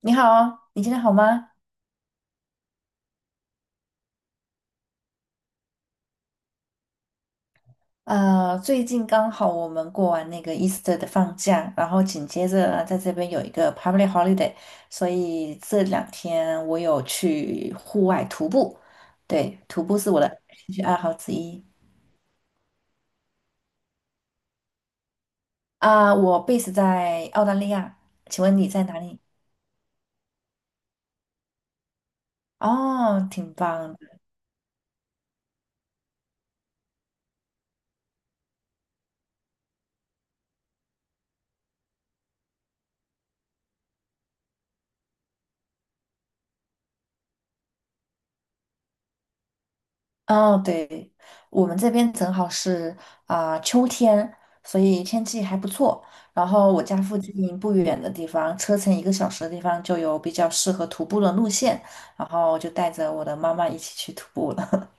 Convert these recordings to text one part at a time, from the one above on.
你好哦，你今天好吗？最近刚好我们过完那个 Easter 的放假，然后紧接着呢在这边有一个 public holiday，所以这两天我有去户外徒步。对，徒步是我的兴趣爱好之一。我 base 在澳大利亚，请问你在哪里？哦，挺棒。哦，对，我们这边正好是秋天，所以天气还不错。然后我家附近不远的地方，车程一个小时的地方就有比较适合徒步的路线，然后就带着我的妈妈一起去徒步了。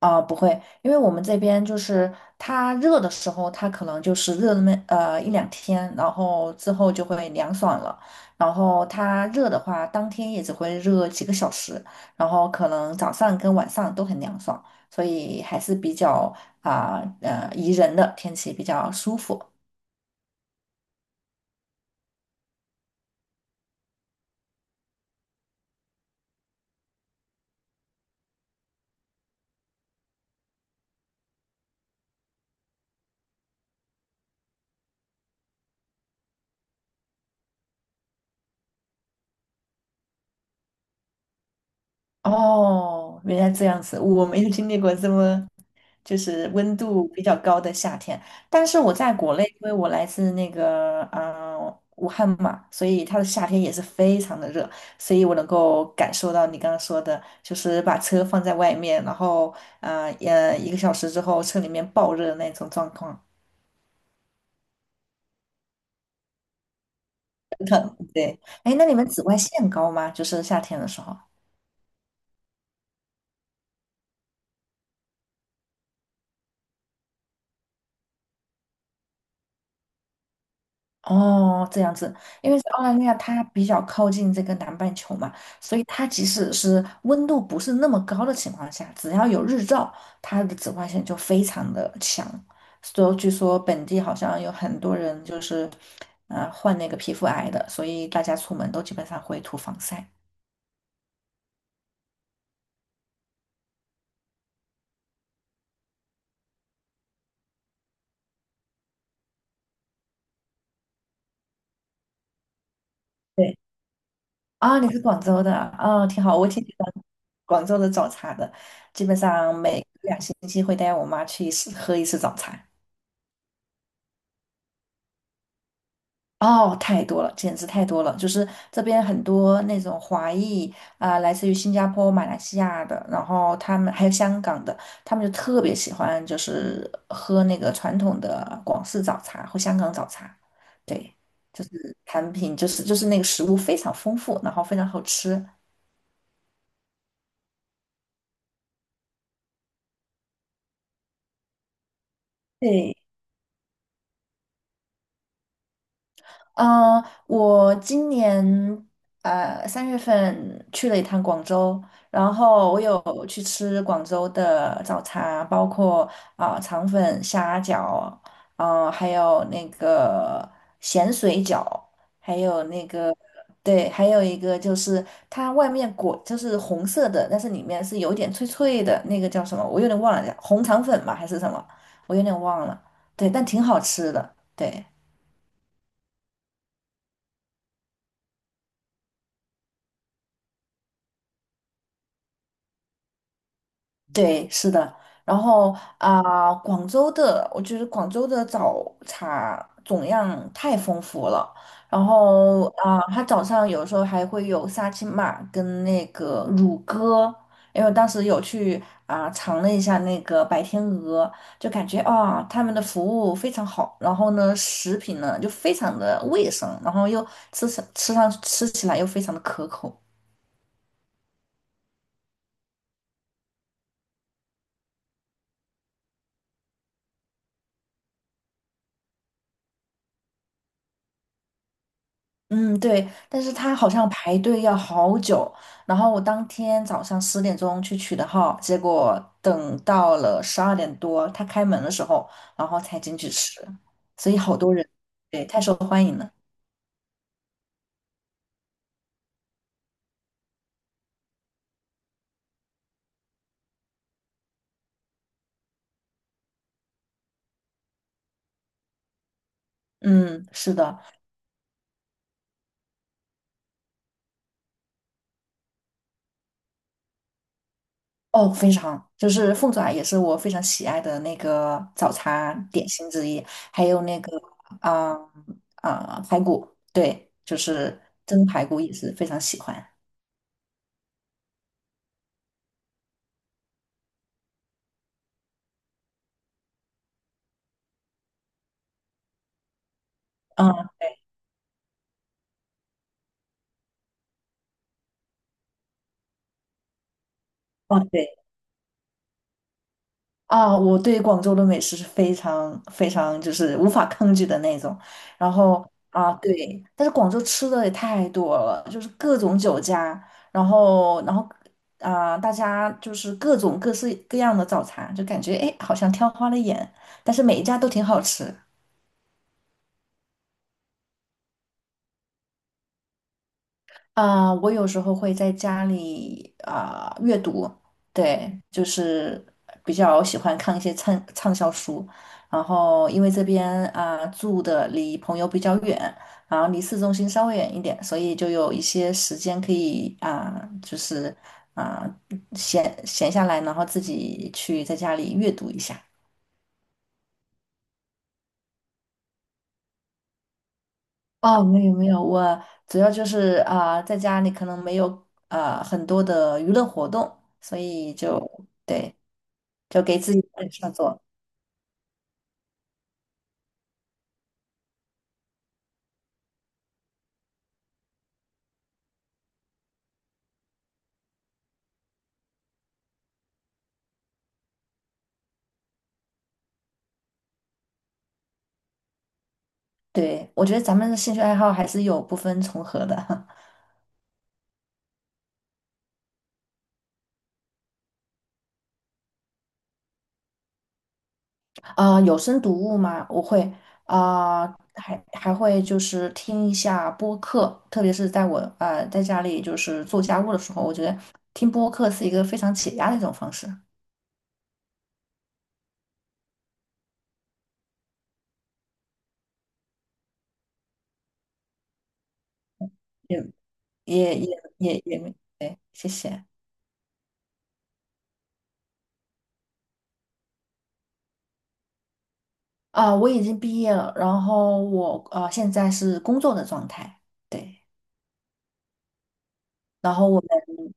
不会，因为我们这边就是它热的时候，它可能就是热那么一两天，然后之后就会凉爽了。然后它热的话，当天也只会热几个小时，然后可能早上跟晚上都很凉爽，所以还是比较宜人的天气，比较舒服。哦，原来这样子，我没有经历过这么就是温度比较高的夏天。但是我在国内，因为我来自那个武汉嘛，所以它的夏天也是非常的热，所以我能够感受到你刚刚说的，就是把车放在外面，然后一个小时之后车里面爆热的那种状况。对，哎，那你们紫外线高吗？就是夏天的时候。哦，这样子，因为是澳大利亚它比较靠近这个南半球嘛，所以它即使是温度不是那么高的情况下，只要有日照，它的紫外线就非常的强。所以据说本地好像有很多人就是，患那个皮肤癌的，所以大家出门都基本上会涂防晒。对，啊，你是广州的，啊，挺好，我挺喜欢广州的早茶的，基本上每2星期会带我妈去一次喝一次早茶。哦，太多了，简直太多了！就是这边很多那种华裔来自于新加坡、马来西亚的，然后他们还有香港的，他们就特别喜欢，就是喝那个传统的广式早茶或香港早茶。对，就是产品，就是那个食物非常丰富，然后非常好吃。对，嗯，我今年3月份去了一趟广州，然后我有去吃广州的早茶，包括肠粉、虾饺，还有那个咸水饺，还有那个对，还有一个就是它外面裹就是红色的，但是里面是有点脆脆的，那个叫什么？我有点忘了，红肠粉嘛还是什么？我有点忘了。对，但挺好吃的，对。对，是的。然后广州的，我觉得广州的早茶种样太丰富了。然后它早上有时候还会有沙琪玛跟那个乳鸽，因为我当时有去尝了一下那个白天鹅，就感觉他们的服务非常好。然后呢，食品呢就非常的卫生，然后又吃起来又非常的可口。嗯，对，但是他好像排队要好久，然后我当天早上10点钟去取的号，结果等到了12点多，他开门的时候，然后才进去吃，所以好多人，对，太受欢迎了。嗯，是的。哦，非常，就是凤爪也是我非常喜爱的那个早餐点心之一，还有那个啊排骨，对，就是蒸排骨也是非常喜欢。嗯，对。哦，对。啊，我对广州的美食是非常非常就是无法抗拒的那种。然后啊，对，但是广州吃的也太多了，就是各种酒家，然后啊，大家就是各种各式各样的早茶，就感觉哎，好像挑花了眼，但是每一家都挺好吃。啊，我有时候会在家里阅读，对，就是比较喜欢看一些畅销书。然后因为这边住的离朋友比较远，然后离市中心稍微远一点，所以就有一些时间可以就是啊、闲下来，然后自己去在家里阅读一下。哦，没有没有，我主要就是在家里可能没有啊很多的娱乐活动，所以就对。就给自己本创作。对，我觉得咱们的兴趣爱好还是有部分重合的。有声读物嘛，我会啊、还会就是听一下播客，特别是在我在家里就是做家务的时候，我觉得听播客是一个非常解压的一种方式。也也也也也没，对，谢谢。我已经毕业了，然后我现在是工作的状态。对，然后我们。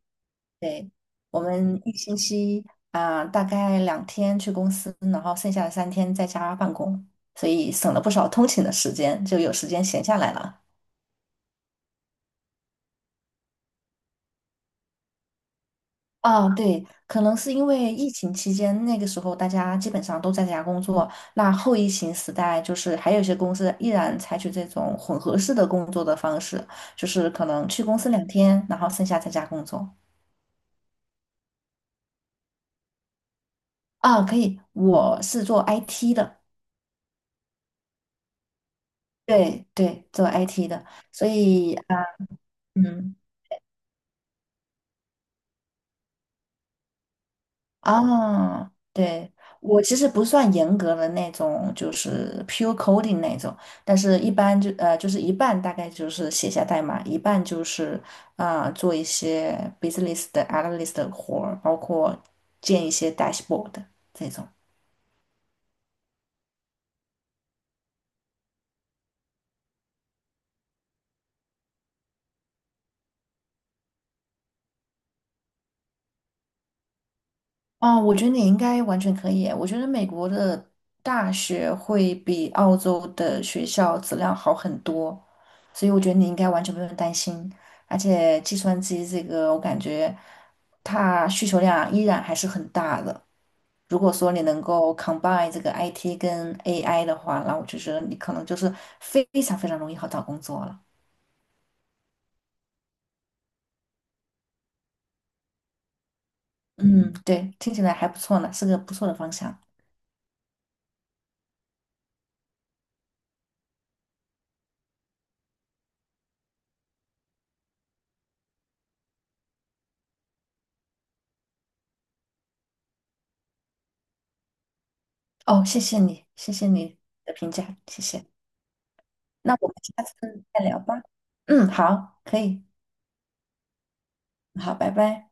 对，我们1星期大概两天去公司，然后剩下的3天在家办公，所以省了不少通勤的时间，就有时间闲下来了。啊，对，可能是因为疫情期间那个时候大家基本上都在家工作，那后疫情时代就是还有一些公司依然采取这种混合式的工作的方式，就是可能去公司两天，然后剩下在家工作。啊，可以，我是做 IT 的。对对，做 IT 的。所以啊，嗯，对，我其实不算严格的那种，就是 pure coding 那种，但是一般就是一半大概就是写下代码，一半就是做一些 business 的 analyst 的活儿，包括建一些 dashboard 这种。哦，我觉得你应该完全可以。我觉得美国的大学会比澳洲的学校质量好很多，所以我觉得你应该完全不用担心。而且计算机这个，我感觉它需求量依然还是很大的。如果说你能够 combine 这个 IT 跟 AI 的话，那我就觉得你可能就是非常非常容易好找工作了。嗯，对，听起来还不错呢，是个不错的方向。哦，谢谢你，谢谢你的评价，谢谢。那我们下次再聊吧。嗯，好，可以，好，拜拜。